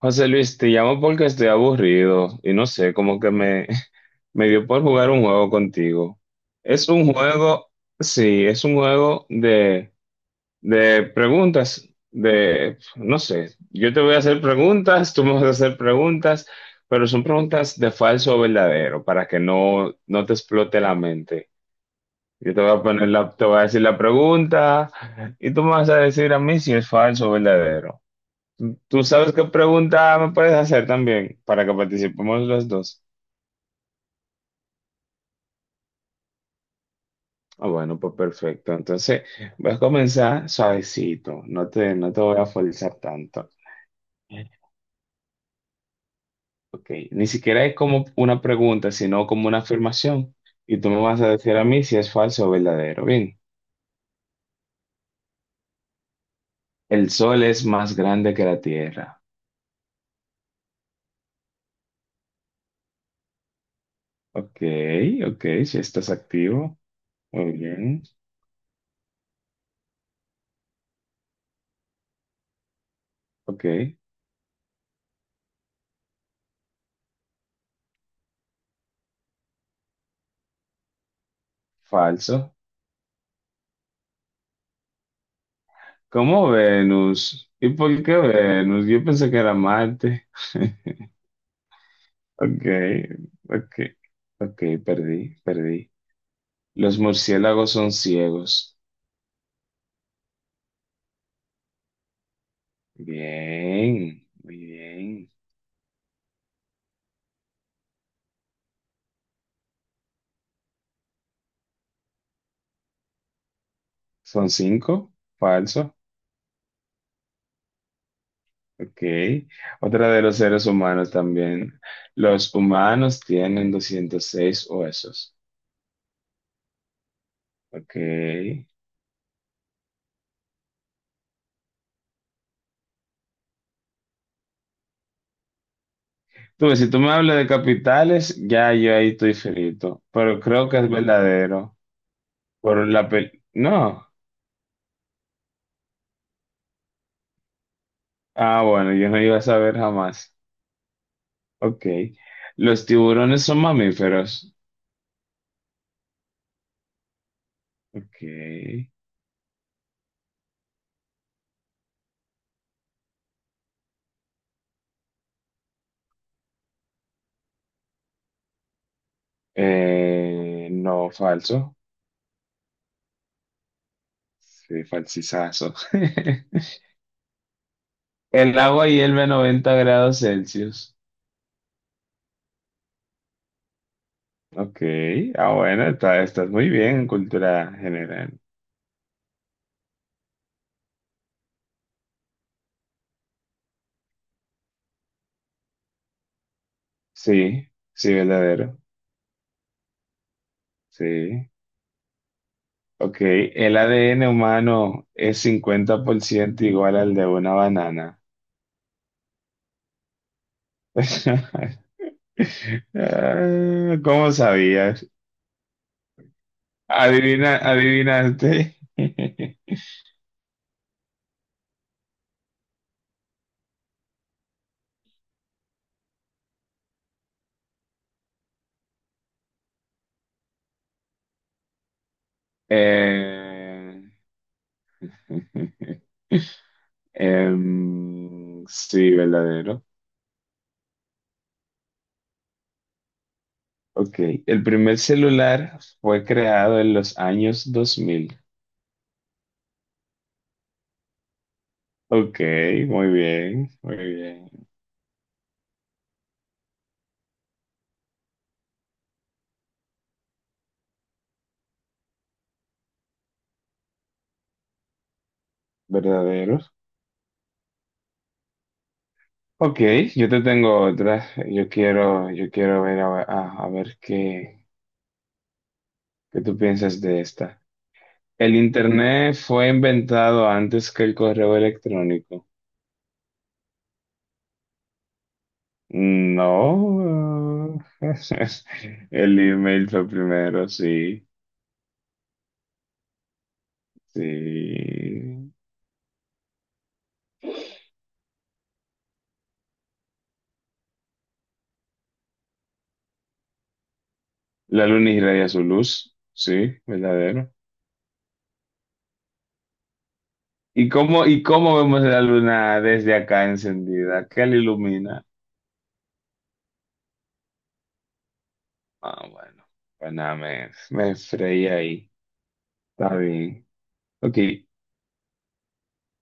José Luis, te llamo porque estoy aburrido y no sé, como que me, me dio por jugar un juego contigo. Es un juego, sí, es un juego de preguntas, de, no sé, yo te voy a hacer preguntas, tú me vas a hacer preguntas, pero son preguntas de falso o verdadero para que no te explote la mente. Yo te voy a poner te voy a decir la pregunta y tú me vas a decir a mí si es falso o verdadero. Tú sabes qué pregunta me puedes hacer también para que participemos los dos. Ah, bueno, pues perfecto. Entonces, voy a comenzar suavecito. No te voy a forzar tanto. Ok, ni siquiera es como una pregunta, sino como una afirmación. Y tú me vas a decir a mí si es falso o verdadero. Bien, el sol es más grande que la tierra. Ok, ok, si estás activo. Muy bien. Ok, falso. ¿Cómo Venus? ¿Y por qué Venus? Yo pensé que era Marte. Ok, ok, ok, perdí, perdí. Los murciélagos son ciegos. Bien, muy bien. ¿Son cinco? Falso. Ok. Otra de los seres humanos también. Los humanos tienen 206 huesos. Ok. Tú ves, si tú me hablas de capitales, ya yo ahí estoy frito. Pero creo que es verdadero. No. Ah, bueno, yo no iba a saber jamás. Ok. Los tiburones son mamíferos. Ok. No, falso. Sí, falsizazo. El agua hierve a 90 grados Celsius. Ok. Ah, bueno, estás muy bien en cultura general. Sí, sí, verdadero. Sí. Ok. El ADN humano es 50% igual al de una banana. Ah, ¿cómo sabías? Adivina, adivinaste. Eh, sí, verdadero. Ok. El primer celular fue creado en los años 2000. Ok, muy bien, muy bien. Verdadero. Ok, yo te tengo otra. Yo quiero ver a ver qué, tú piensas de esta. El internet fue inventado antes que el correo electrónico. No. El email fue primero, sí. Sí. La luna irradia su luz, sí, verdadero. ¿Y cómo vemos la luna desde acá encendida? ¿Qué la ilumina? Ah, bueno. Pues nada, me freí ahí. Está bien. Ok, te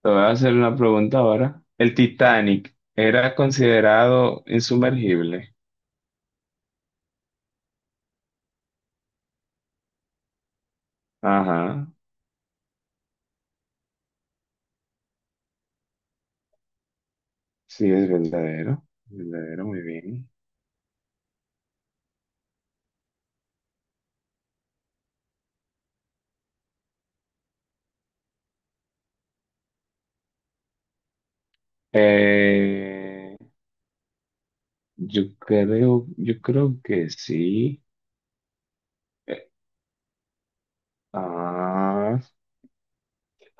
voy a hacer una pregunta ahora. ¿El Titanic era considerado insumergible? Ajá, sí, es verdadero, verdadero, muy bien. Eh, yo creo que sí. Eh, ah,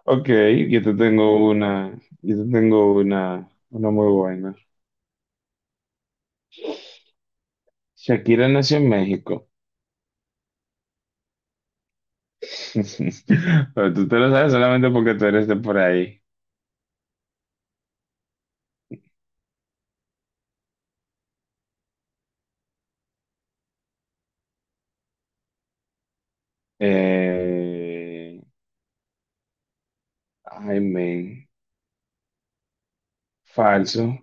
ok, yo te tengo una, yo te tengo una muy buena. Shakira nació en México. Pero tú te lo sabes solamente porque tú eres de por ahí. Eh, ay, men, falso.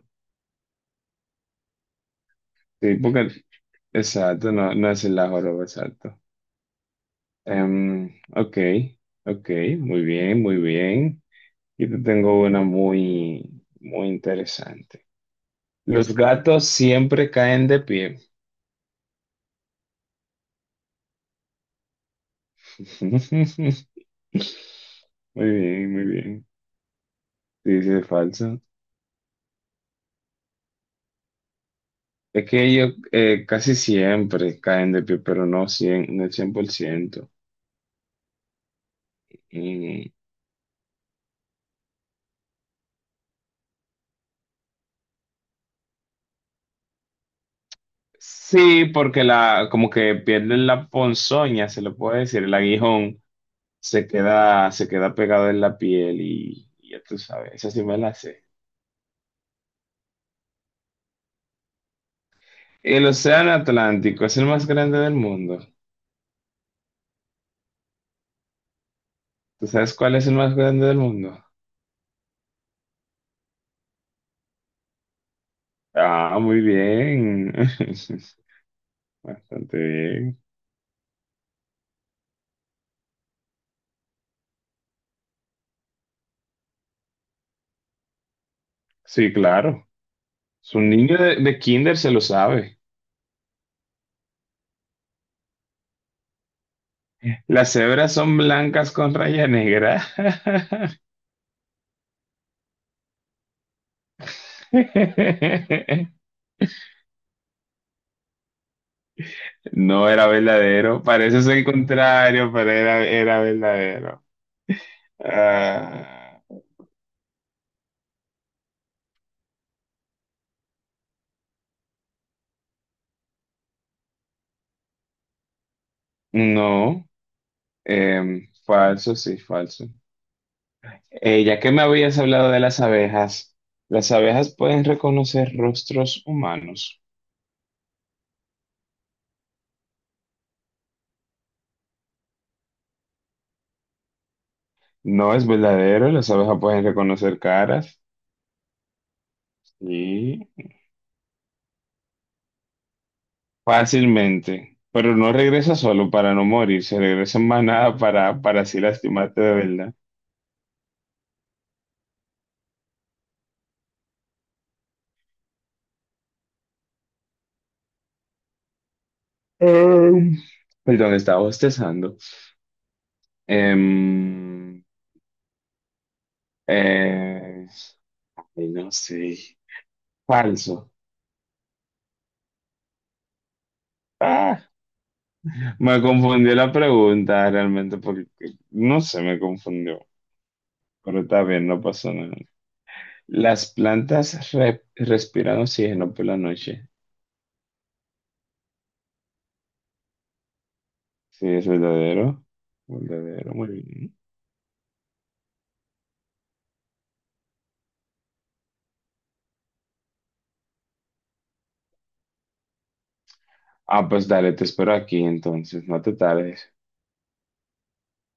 Sí, porque, exacto, no es el la joroba, exacto. Em, ok, ok, muy bien, muy bien. Yo te tengo una muy, muy interesante. Los gatos siempre caen de pie. Muy bien, muy bien. Sí, sí, es falso. Es que ellos casi siempre caen de pie, pero no el 100%. Mm, sí, porque como que pierden la ponzoña, se le puede decir, el aguijón. Se queda pegado en la piel y ya tú sabes, esa sí me la sé. El océano Atlántico es el más grande del mundo. ¿Tú sabes cuál es el más grande del mundo? Ah, muy bien. Bastante bien. Sí, claro. Su niño de kinder se lo sabe. Las cebras son blancas con raya negra. No era verdadero. Parece ser el contrario, pero era verdadero. Ah, no. Falso, sí, falso. Ya que me habías hablado de las abejas pueden reconocer rostros humanos. No es verdadero, las abejas pueden reconocer caras y fácilmente, pero no regresa solo para no morir, se regresa en manada para así lastimarte de verdad. Em, perdón, estaba bostezando. Em, eh, ay, no sé, falso. Ah, me confundió la pregunta realmente porque no sé, me confundió, pero está bien, no pasó nada. Las plantas respiran oxígeno por la noche. Sí, es verdadero. Verdadero, muy bien. Ah, pues dale, te espero aquí entonces, no te tardes.